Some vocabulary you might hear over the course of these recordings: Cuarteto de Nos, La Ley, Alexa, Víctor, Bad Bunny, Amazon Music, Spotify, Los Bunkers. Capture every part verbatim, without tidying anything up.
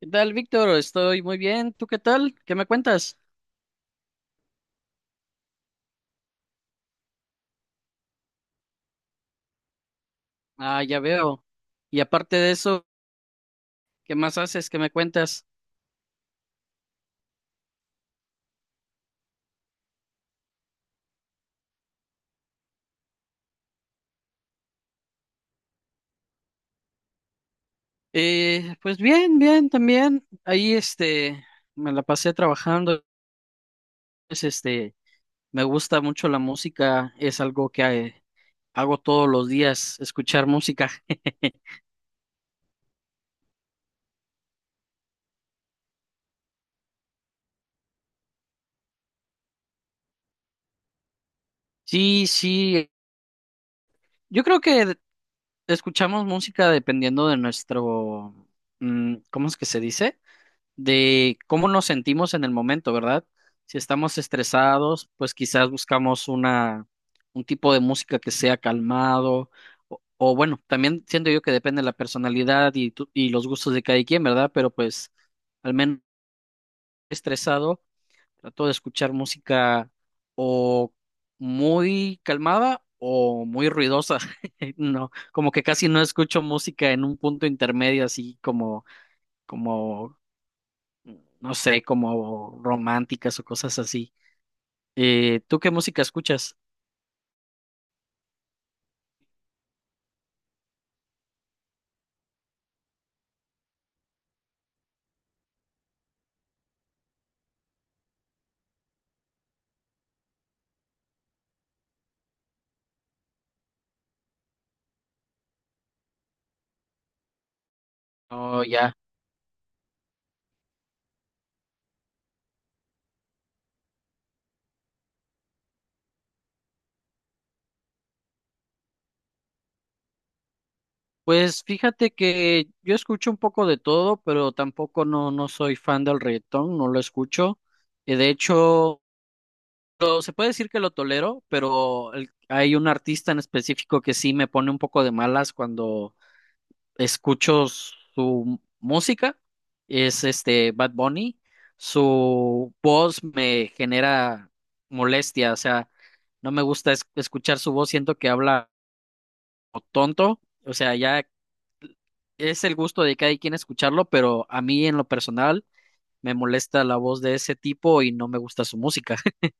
¿Qué tal, Víctor? Estoy muy bien. ¿Tú qué tal? ¿Qué me cuentas? Ah, ya veo. Y aparte de eso, ¿qué más haces? ¿Qué me cuentas? Eh, pues bien, bien, también. Ahí, este, me la pasé trabajando. Es, este, me gusta mucho la música. Es algo que eh, hago todos los días, escuchar música. Sí, sí. Yo creo que escuchamos música dependiendo de nuestro, mm, ¿cómo es que se dice? De cómo nos sentimos en el momento, ¿verdad? Si estamos estresados, pues quizás buscamos una, un tipo de música que sea calmado, o, o bueno, también siento yo que depende de la personalidad y, tu- y los gustos de cada quien, ¿verdad? Pero pues al menos estresado, trato de escuchar música o muy calmada o muy ruidosa. No, como que casi no escucho música en un punto intermedio, así como, como no sé, como románticas o cosas así. Eh, ¿tú qué música escuchas? Oh, ya. Pues fíjate que yo escucho un poco de todo, pero tampoco no, no soy fan del reggaetón, no lo escucho. Eh, de hecho, lo- se puede decir que lo tolero, pero el- hay un artista en específico que sí me pone un poco de malas cuando escucho su música, es este Bad Bunny, su voz me genera molestia, o sea, no me gusta es- escuchar su voz, siento que habla tonto, o sea, ya es el gusto de cada quien escucharlo, pero a mí en lo personal me molesta la voz de ese tipo y no me gusta su música.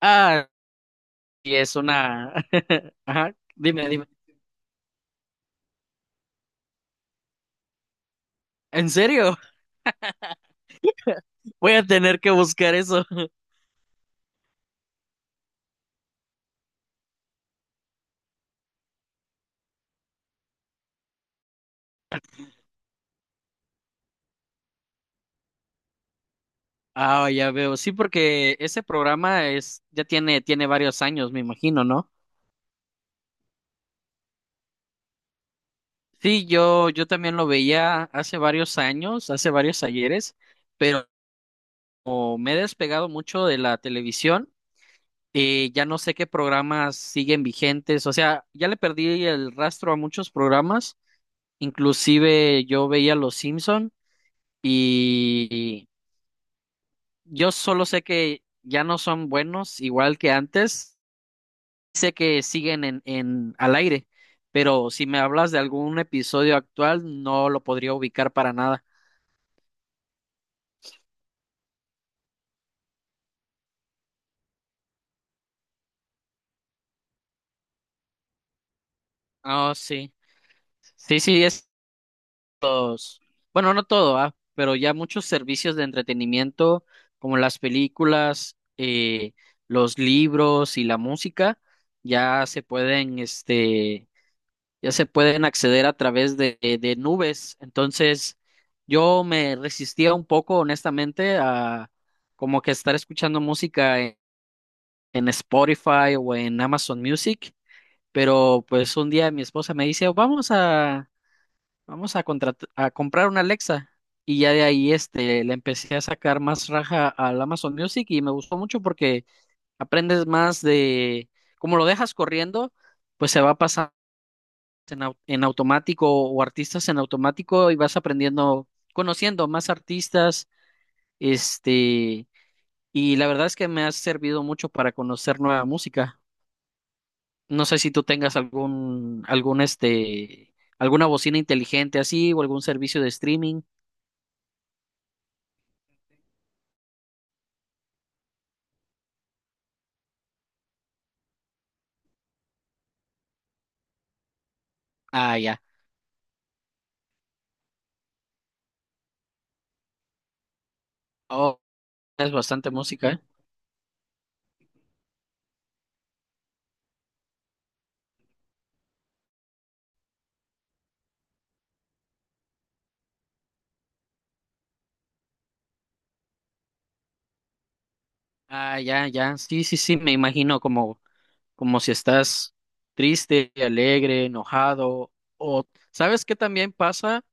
Ah, y es una... Ajá, dime, dime. ¿En serio? Voy a tener que buscar eso. Ah, ya veo. Sí, porque ese programa es, ya tiene, tiene varios años, me imagino, ¿no? Sí, yo, yo también lo veía hace varios años, hace varios ayeres, pero como me he despegado mucho de la televisión, eh, ya no sé qué programas siguen vigentes. O sea, ya le perdí el rastro a muchos programas. Inclusive yo veía Los Simpson y yo solo sé que ya no son buenos igual que antes. Sé que siguen en, en al aire, pero si me hablas de algún episodio actual, no lo podría ubicar para nada. Ah, sí. Sí, sí, estos. Bueno, no todo, ah, pero ya muchos servicios de entretenimiento, como las películas, eh, los libros y la música, ya se pueden, este, ya se pueden acceder a través de, de nubes. Entonces, yo me resistía un poco, honestamente, a como que estar escuchando música en, en Spotify o en Amazon Music, pero pues un día mi esposa me dice, vamos a, vamos a, contrat- a comprar una Alexa. Y ya de ahí este, le empecé a sacar más raja al Amazon Music y me gustó mucho porque aprendes más de, como lo dejas corriendo, pues se va pasando en, au- en automático o artistas en automático y vas aprendiendo, conociendo más artistas, este, y la verdad es que me ha servido mucho para conocer nueva música. No sé si tú tengas algún, algún, este, alguna bocina inteligente así o algún servicio de streaming. Ah, ya. Oh, es bastante música, ¿eh? Ah, ya, ya. Sí, sí, sí, me imagino como, como si estás triste, alegre, enojado o ¿sabes qué también pasa?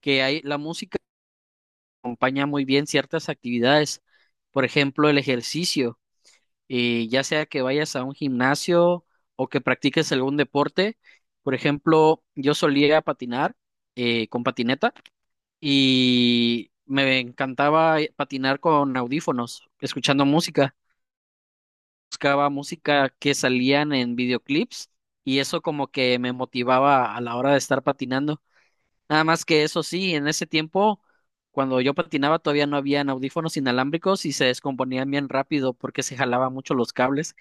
Que hay la música acompaña muy bien ciertas actividades. Por ejemplo, el ejercicio, eh, ya sea que vayas a un gimnasio o que practiques algún deporte. Por ejemplo, yo solía patinar eh, con patineta y me encantaba eh, patinar con audífonos, escuchando música. Buscaba música que salían en videoclips y eso como que me motivaba a la hora de estar patinando. Nada más que eso sí, en ese tiempo, cuando yo patinaba, todavía no habían audífonos inalámbricos y se descomponían bien rápido porque se jalaba mucho los cables.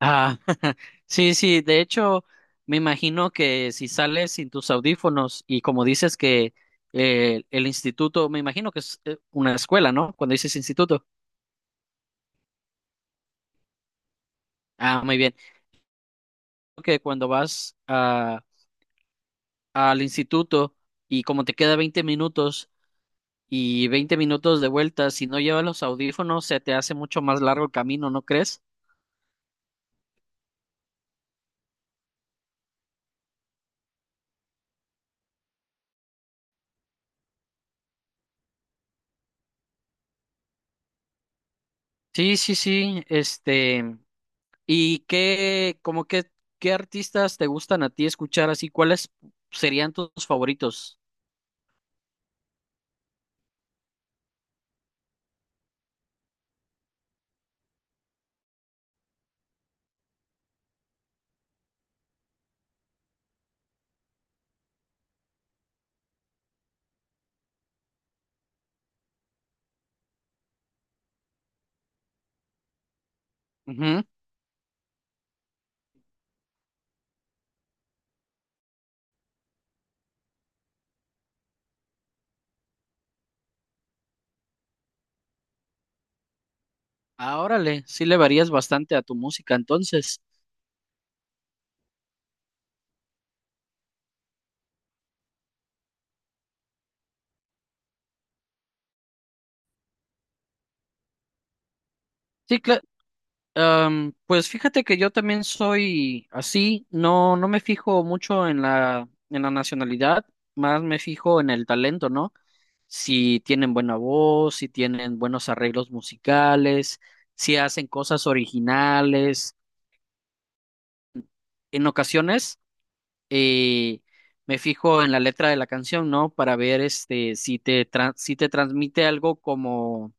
Ah, sí, sí, de hecho, me imagino que si sales sin tus audífonos y como dices que eh, el instituto, me imagino que es eh, una escuela, ¿no? Cuando dices instituto. Ah, muy bien. Creo que cuando vas a, al instituto y como te queda veinte minutos y veinte minutos de vuelta. Si no llevas los audífonos, se te hace mucho más largo el camino, ¿no crees? Sí, sí, sí. Este, ¿y qué, como qué qué artistas te gustan a ti escuchar así? ¿Cuáles serían tus favoritos? Ujú. Ah, órale, sí le varías bastante a tu música, entonces. Sí, cla- Am, pues fíjate que yo también soy así, no, no me fijo mucho en la, en la nacionalidad, más me fijo en el talento, ¿no? Si tienen buena voz, si tienen buenos arreglos musicales, si hacen cosas originales. En ocasiones eh, me fijo en la letra de la canción, ¿no? Para ver este, si te, tran- si te transmite algo como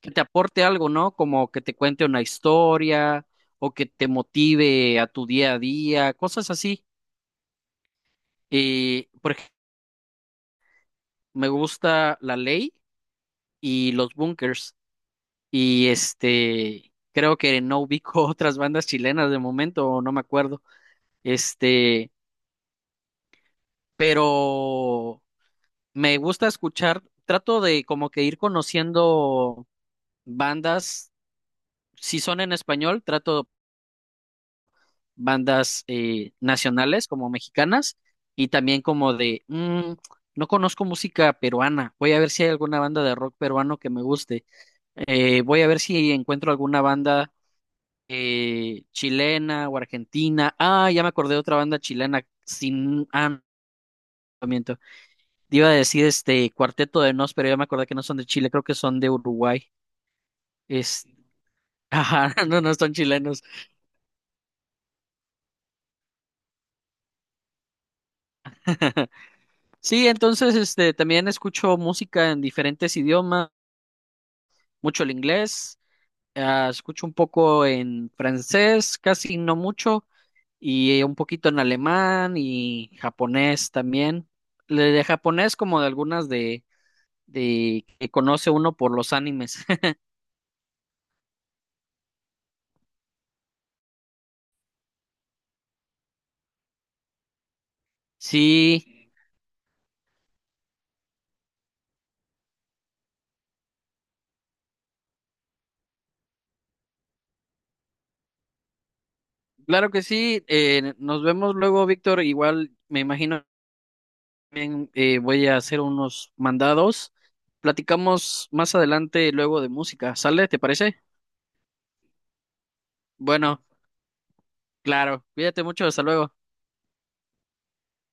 que te aporte algo, ¿no? Como que te cuente una historia o que te motive a tu día a día, cosas así. Eh, por ejemplo, me gusta La Ley y Los Bunkers y este, creo que no ubico otras bandas chilenas de momento, o no me acuerdo, este, pero me gusta escuchar, trato de como que ir conociendo bandas, si son en español, trato bandas eh, nacionales como mexicanas y también como de, "Mm, no conozco música peruana, voy a ver si hay alguna banda de rock peruano que me guste, Eh, voy a ver si encuentro alguna banda eh, chilena o argentina, ah, ya me acordé de otra banda chilena, sin, ah, no, miento. Te iba a decir este Cuarteto de Nos, pero ya me acordé que no son de Chile, creo que son de Uruguay, es, ajá, no, no son chilenos. Sí, entonces este también escucho música en diferentes idiomas. Mucho el inglés, ah, escucho un poco en francés, casi no mucho, y un poquito en alemán y japonés también. Le- De japonés como de algunas de, de que conoce uno por los animes. Sí, claro que sí. eh, nos vemos luego, Víctor. Igual me imagino también eh, voy a hacer unos mandados. Platicamos más adelante luego de música. ¿Sale? ¿Te parece? Bueno, claro. Cuídate mucho. Hasta luego.